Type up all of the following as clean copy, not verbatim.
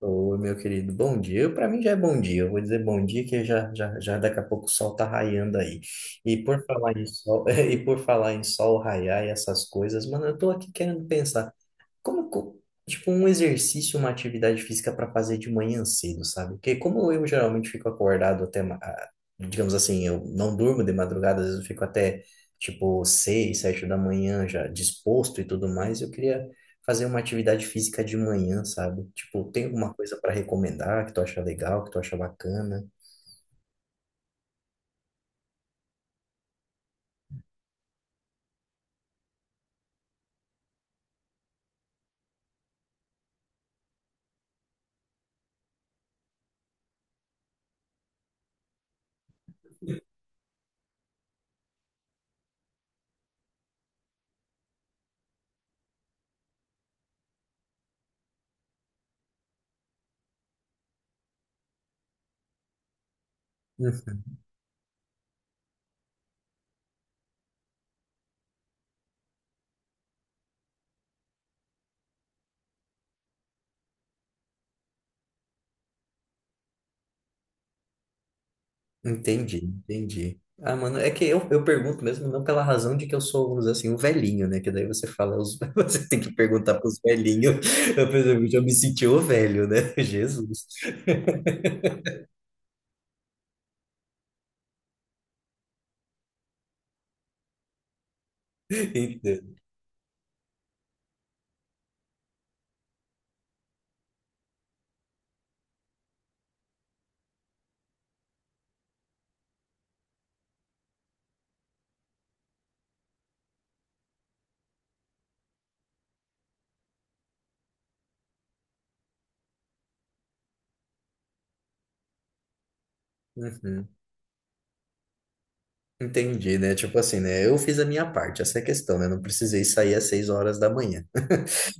Ô, meu querido, bom dia. Para mim já é bom dia. Eu vou dizer bom dia que já, já, já daqui a pouco o sol tá raiando aí. E por falar em sol, e por falar em sol raiar e essas coisas, mano, eu tô aqui querendo pensar. Como, co- tipo, um exercício, uma atividade física para fazer de manhã cedo, sabe? Porque como eu geralmente fico acordado até, digamos assim, eu não durmo de madrugada, às vezes eu fico até, tipo, 6, 7 da manhã já disposto e tudo mais, eu queria fazer uma atividade física de manhã, sabe? Tipo, tem alguma coisa para recomendar que tu acha legal, que tu acha bacana? Entendi, entendi. Ah, mano, é que eu pergunto mesmo não pela razão de que eu sou, vamos dizer assim, um velhinho, né? Que daí você fala, você tem que perguntar pros velhinhos. Eu, por exemplo, já me senti o velho, né? Jesus. Entendo. Uhum. Entendi, né? Tipo assim, né? Eu fiz a minha parte, essa é a questão, né? Não precisei sair às 6 horas da manhã.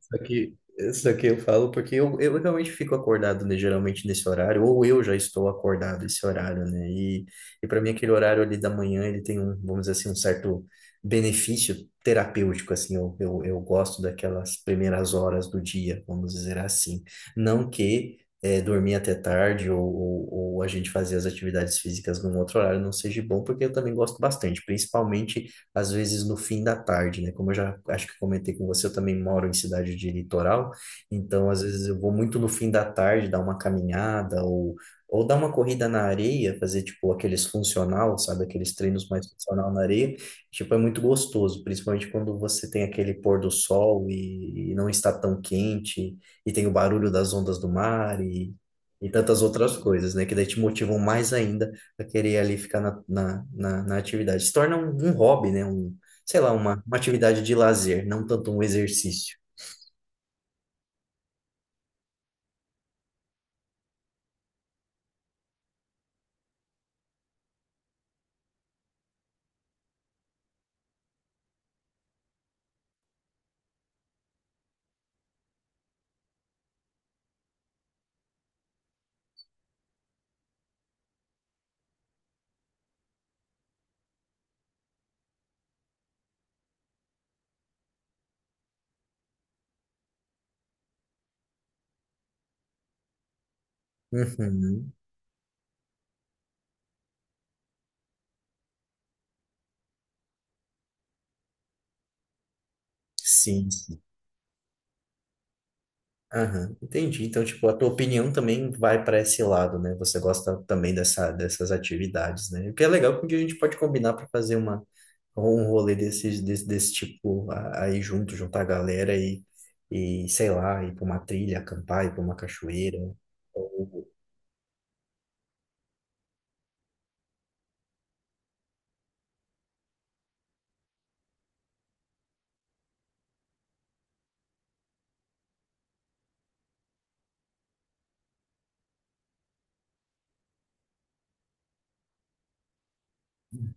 Só que, isso aqui eu falo porque eu realmente fico acordado, né, geralmente nesse horário, ou eu já estou acordado esse horário, né? E para mim aquele horário ali da manhã, ele tem um, vamos dizer assim, um certo benefício terapêutico, assim, eu gosto daquelas primeiras horas do dia, vamos dizer assim. Não que dormir até tarde ou, ou a gente fazer as atividades físicas num outro horário não seja bom, porque eu também gosto bastante, principalmente às vezes no fim da tarde, né? Como eu já acho que comentei com você, eu também moro em cidade de litoral, então às vezes eu vou muito no fim da tarde dar uma caminhada ou, dar uma corrida na areia, fazer tipo aqueles funcional, sabe? Aqueles treinos mais funcional na areia. Tipo, é muito gostoso, principalmente quando você tem aquele pôr do sol e não está tão quente, e tem o barulho das ondas do mar e tantas outras coisas, né? Que daí te motivam mais ainda pra querer ali ficar na atividade. Se torna um hobby, né? Um, sei lá, uma atividade de lazer, não tanto um exercício. Uhum. Sim, sim. Aham, entendi. Então, tipo, a tua opinião também vai para esse lado, né? Você gosta também dessa, dessas atividades, né? O que é legal, porque a gente pode combinar para fazer uma, um rolê desses, desse tipo aí junto, juntar a galera e, sei lá, ir para uma trilha, acampar, ir para uma cachoeira. Ou...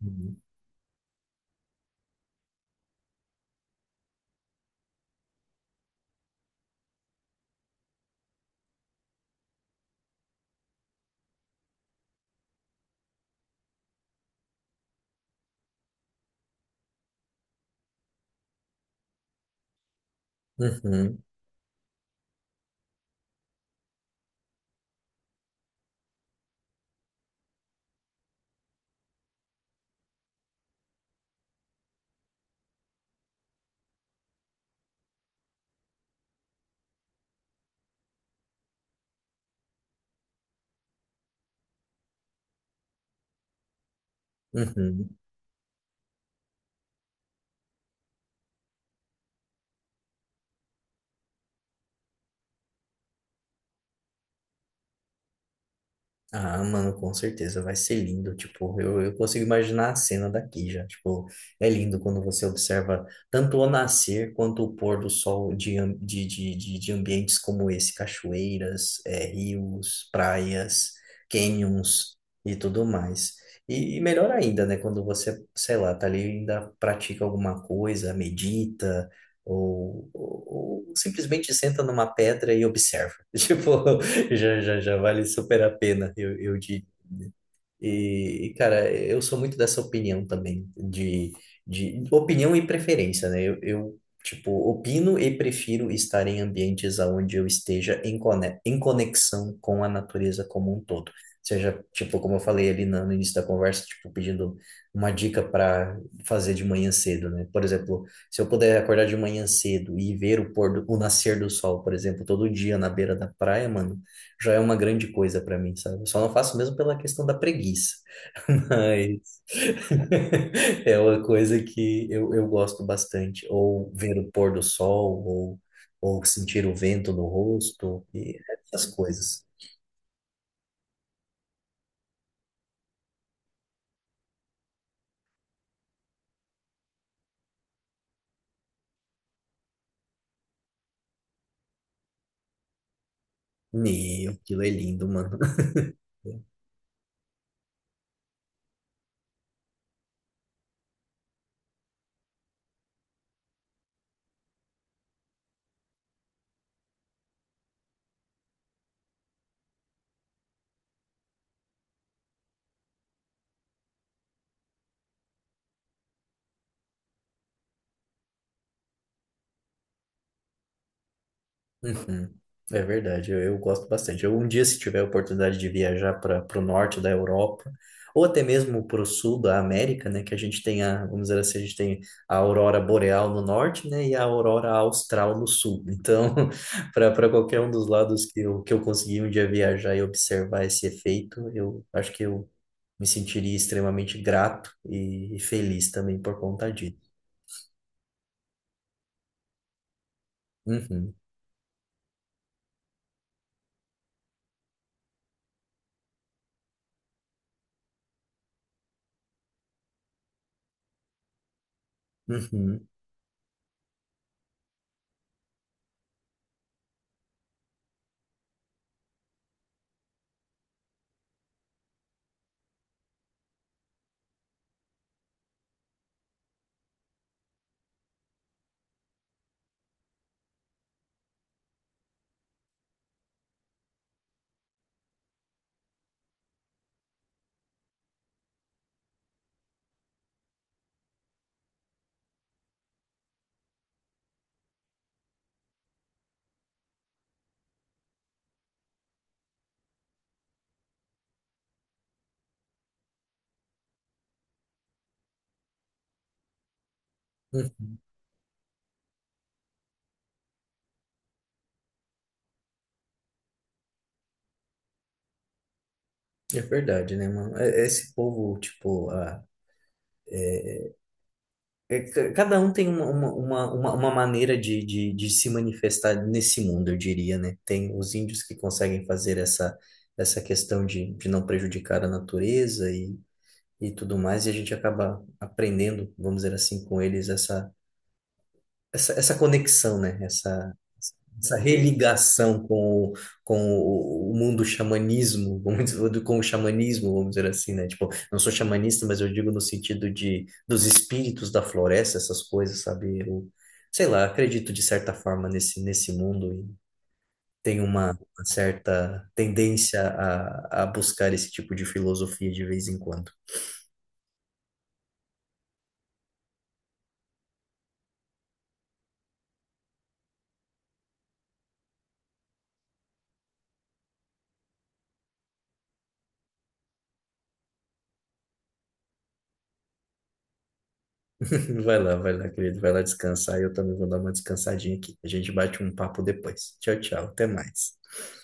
Uhum, uhum, uhum. Ah, mano, com certeza vai ser lindo. Tipo, eu consigo imaginar a cena daqui já. Tipo, é lindo quando você observa tanto o nascer quanto o pôr do sol de, am- de ambientes como esse, cachoeiras, é, rios, praias, canyons e tudo mais. E, melhor ainda, né, quando você, sei lá, tá ali e ainda pratica alguma coisa, medita. Ou, ou simplesmente senta numa pedra e observa. Tipo, já, já, já vale super a pena, eu digo. E, cara, eu sou muito dessa opinião também, de opinião e preferência, né? Tipo, opino e prefiro estar em ambientes onde eu esteja em conexão com a natureza como um todo. Seja, tipo, como eu falei ali no início da conversa, tipo, pedindo uma dica para fazer de manhã cedo, né? Por exemplo, se eu puder acordar de manhã cedo e ver o pôr o nascer do sol, por exemplo, todo dia na beira da praia, mano já é uma grande coisa para mim, sabe? Eu só não faço mesmo pela questão da preguiça, mas é uma coisa que eu gosto bastante. Ou ver o pôr do sol, ou, sentir o vento no rosto, e essas coisas. Meu, aquilo é lindo, mano. Uhum. É verdade, eu gosto bastante. Eu, um dia, se tiver a oportunidade de viajar para o norte da Europa, ou até mesmo para o sul da América, né, que a gente tem a, vamos dizer assim, a gente tem a aurora boreal no norte, né, e a aurora austral no sul. Então, para qualquer um dos lados que eu conseguir um dia viajar e observar esse efeito, eu acho que eu me sentiria extremamente grato e, feliz também por conta disso. Uhum, uhum, uhum. É verdade, né, mano? É esse povo, tipo, ah, cada um tem uma maneira de se manifestar nesse mundo, eu diria, né? Tem os índios que conseguem fazer essa, questão de, não prejudicar a natureza e, tudo mais, e a gente acaba aprendendo, vamos dizer assim, com eles essa, conexão, né? Essa, religação com o mundo xamanismo, vamos dizer, com o xamanismo, vamos dizer assim, né? Tipo, não sou xamanista, mas eu digo no sentido de dos espíritos da floresta, essas coisas, sabe? Eu, sei lá, acredito de certa forma nesse mundo e tenho uma certa tendência a buscar esse tipo de filosofia de vez em quando. Vai lá, querido. Vai lá descansar. Eu também vou dar uma descansadinha aqui. A gente bate um papo depois. Tchau, tchau. Até mais.